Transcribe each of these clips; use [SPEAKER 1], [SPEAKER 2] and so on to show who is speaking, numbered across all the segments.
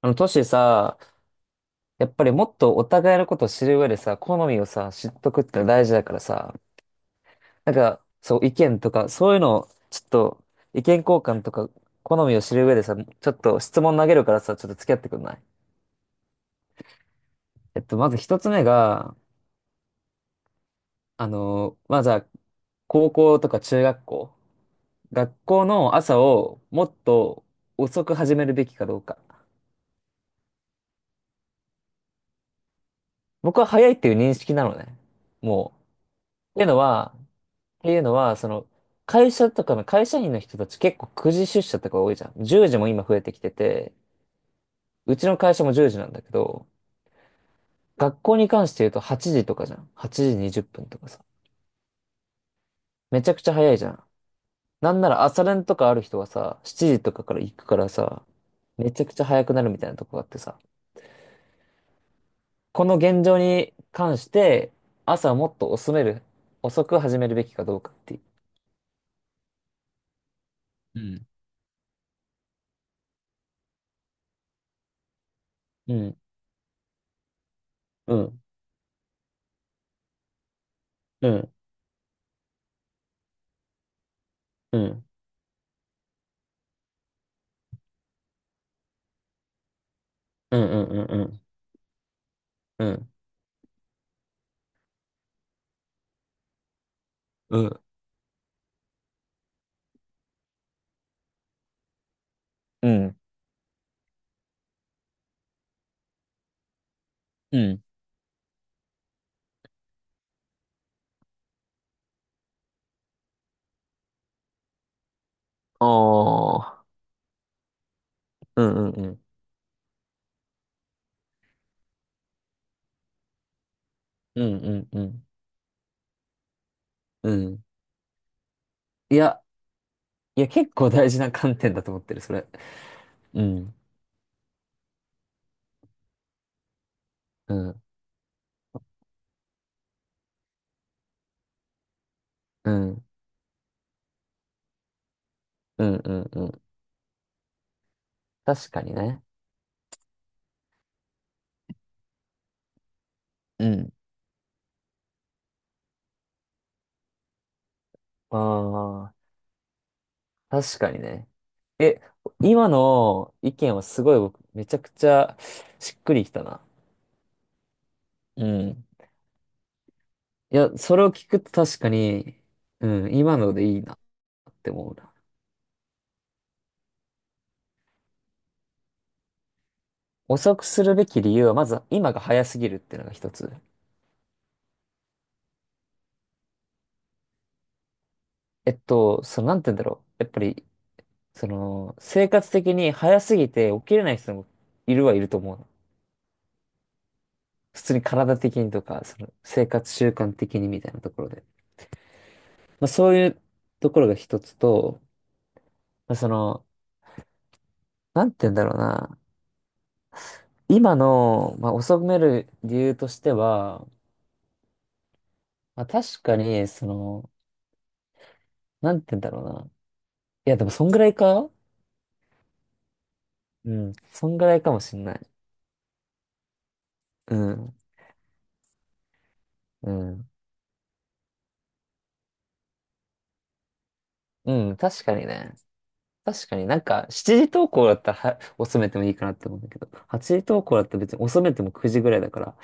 [SPEAKER 1] トシさ、やっぱりもっとお互いのことを知る上でさ、好みをさ、知っとくってのは大事だからさ、意見とか、そういうのを、ちょっと、意見交換とか、好みを知る上でさ、ちょっと質問投げるからさ、ちょっと付き合ってくんない？まず一つ目が、まずは、高校とか中学校、学校の朝をもっと遅く始めるべきかどうか。僕は早いっていう認識なのね。もう。っていうのは、っていうのは、会社とかの会社員の人たち結構9時出社とか多いじゃん。10時も今増えてきてて、うちの会社も10時なんだけど、学校に関して言うと8時とかじゃん。8時20分とかさ。めちゃくちゃ早いじゃん。なんなら朝練とかある人はさ、7時とかから行くからさ、めちゃくちゃ早くなるみたいなとこがあってさ。この現状に関して、朝もっと遅める、遅く始めるべきかどうかっていう。うん。うん、うん、うん、うん、うん、うん、うん、うん、うん。うんうんうん。うん。ああ。うんうんうん。うんうんうん。うん。いや、いや、結構大事な観点だと思ってる、それ。うん。うん。うん。うんうんうん。確かにね。うん。ああ。確かにね。え、今の意見はすごい僕、めちゃくちゃしっくりきたな。うん。いや、それを聞くと確かに、うん、今のでいいなって思うな。遅くするべき理由は、まず今が早すぎるっていうのが一つ。えっと、その、なんて言うんだろう。やっぱり、その、生活的に早すぎて起きれない人もいると思うの。普通に体的にとか、その、生活習慣的にみたいなところで。まあ、そういうところが一つと、まあ、その、なんて言うんだろうな。今の、まあ、遅める理由としては、まあ、確かに、その、なんて言うんだろうな。いや、でも、そんぐらいか、うん、そんぐらいかもしんない。うん、うん、うん、確かにね。確かになんか、7時投稿だったらは遅めてもいいかなって思うんだけど、8時投稿だったら別に遅めても9時ぐらいだから、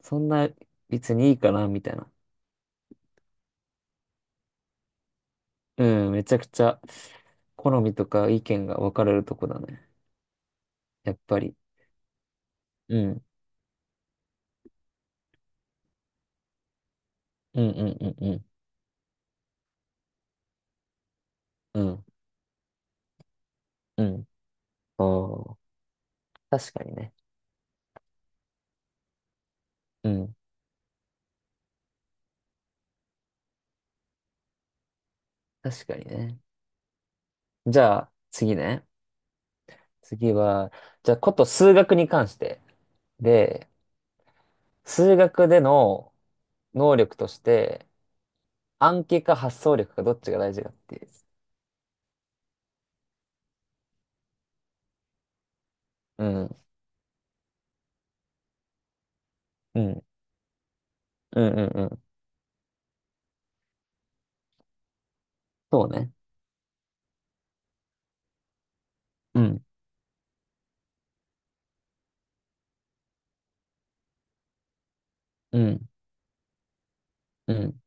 [SPEAKER 1] そんな別にいいかな、みたいな。うん、めちゃくちゃ好みとか意見が分かれるとこだね。やっぱり。うん。うんうんうんうん。うん。うん。おー、確かにね。うん。確かにね。じゃあ、次ね。次は、じゃあ、こと数学に関して。で、数学での能力として、暗記か発想力かどっちが大事かっていう。うん。うん。うんうんうん。そうね。うん。うん。うん。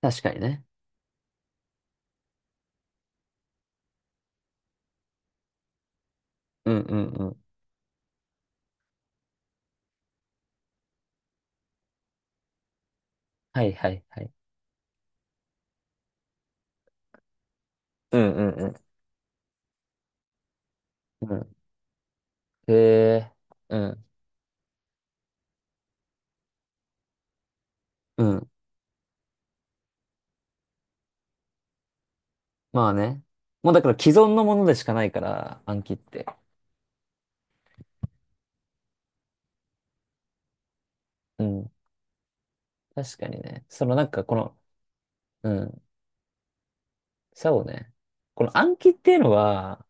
[SPEAKER 1] 確かにね。うんうんうん。はいはいはい。うんうんうん。うん。へえ。うん。うん。まあね。もうだから既存のものでしかないから、暗記って。うん。確かにね。そのなんかこの、うん。そうね。この暗記っていうのは、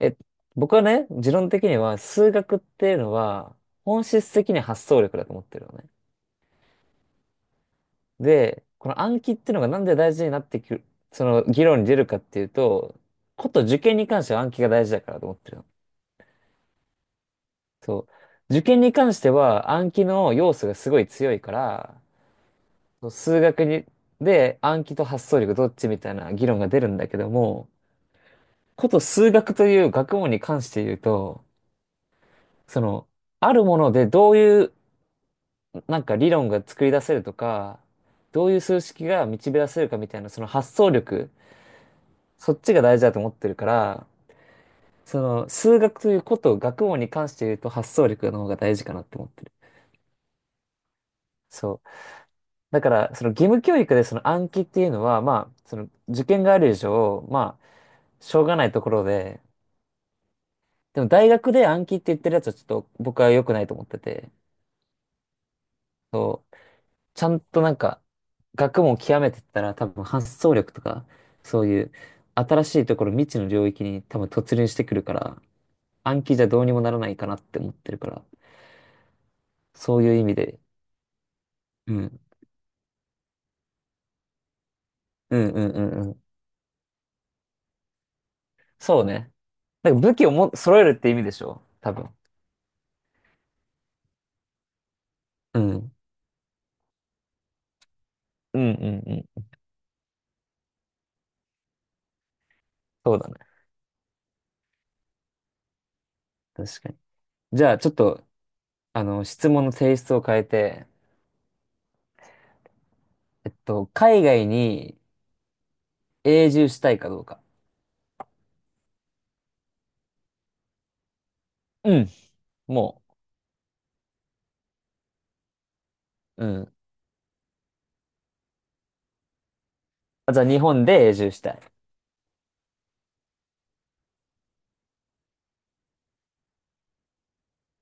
[SPEAKER 1] え、僕はね、持論的には数学っていうのは本質的に発想力だと思ってるのね。で、この暗記っていうのがなんで大事になってくる、その議論に出るかっていうと、こと受験に関しては暗記が大事だからと思ってるの。そう。受験に関しては暗記の要素がすごい強いから、そう数学に、で暗記と発想力どっちみたいな議論が出るんだけども、こと数学という学問に関して言うと、その、あるものでどういうなんか理論が作り出せるとか、どういう数式が導き出せるかみたいな、その発想力、そっちが大事だと思ってるから、その、数学ということ、学問に関して言うと発想力の方が大事かなって思ってる。そう。だから、その義務教育でその暗記っていうのは、まあ、その受験がある以上、まあ、しょうがないところで、でも大学で暗記って言ってるやつはちょっと僕は良くないと思ってて、そう。ちゃんとなんか、学問を極めてったら多分発想力とか、そういう新しいところ、未知の領域に多分突入してくるから、暗記じゃどうにもならないかなって思ってるから。そういう意味で。うん。うんうんうんうん。そうね。なんか武器をも揃えるって意味でしょ多分。うん。うんうんうん。そうだね。確かに。じゃあ、ちょっと、質問の性質を変えて、海外に永住したいかどうか。うん。もう、うん。あ、じゃあ、日本で永住したい。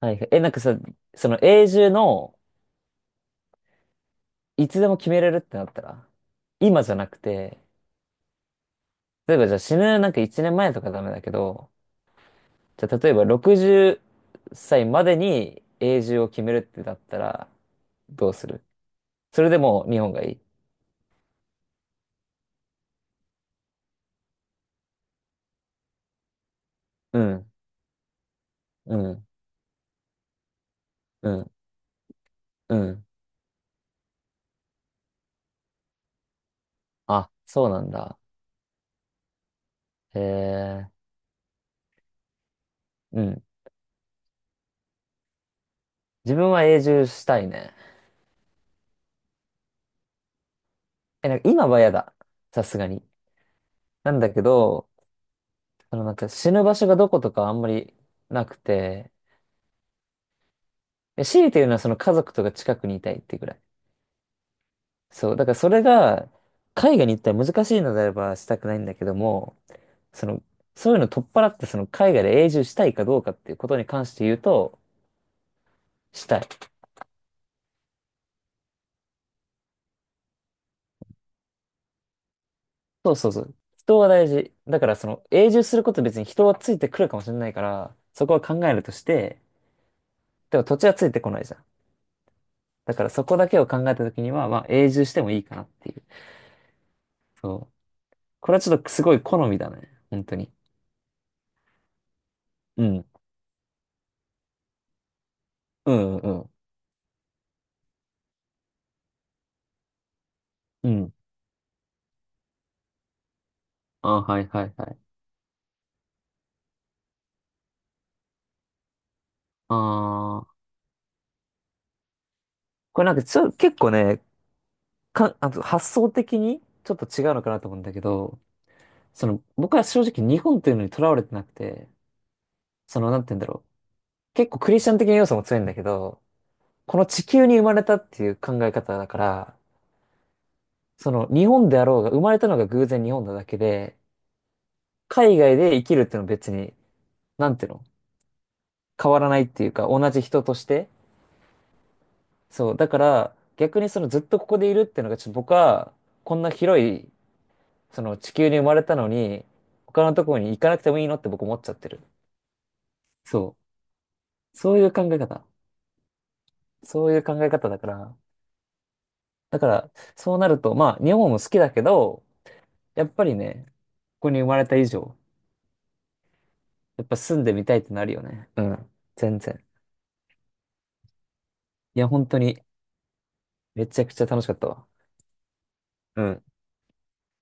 [SPEAKER 1] はいはい。え、なんかさ、その永住の、いつでも決めれるってなったら、今じゃなくて、例えばじゃあ死ぬなんか1年前とかダメだけど、じゃあ、例えば60歳までに永住を決めるってだったら、どうする？それでもう日本がいい？うん、うん、うん、うん。あ、そうなんだ。へえ、うん。自分は永住したいね。え、なんか今は嫌だ。さすがに。なんだけど、そのなんか死ぬ場所がどことかあんまりなくて、え、強いて言うのはその家族とか近くにいたいってぐらい。そう。だからそれが、海外に行ったら難しいのであればしたくないんだけども、その、そういうの取っ払って、その海外で永住したいかどうかっていうことに関して言うと、したい。そうそうそう。人は大事。だからその永住すること別に人はついてくるかもしれないから、そこは考えるとして、でも土地はついてこないじゃん。だからそこだけを考えたときには、まあ永住してもいいかなっていう。そう。これはちょっとすごい好みだね。本当に。うん。うんうん。うん。あ、はいはいはい。ああ。これなんかちょ、結構ね、か、あと発想的にちょっと違うのかなと思うんだけど、その、僕は正直日本っていうのにとらわれてなくて、その、なんて言うんだろう。結構クリスチャン的な要素も強いんだけど、この地球に生まれたっていう考え方だから、その、日本であろうが、生まれたのが偶然日本なだけで、海外で生きるっていうのは別に、なんていうの、変わらないっていうか、同じ人として。そう、だから、逆にそのずっとここでいるっていうのが、ちょっと僕は、こんな広い、その地球に生まれたのに、他のところに行かなくてもいいのって僕思っちゃってる。そう。そういう考え方。そういう考え方だから、だから、そうなると、まあ、日本も好きだけど、やっぱりね、ここに生まれた以上、やっぱ住んでみたいってなるよね。うん。全然。いや、本当に、めちゃくちゃ楽しかったわ。うん。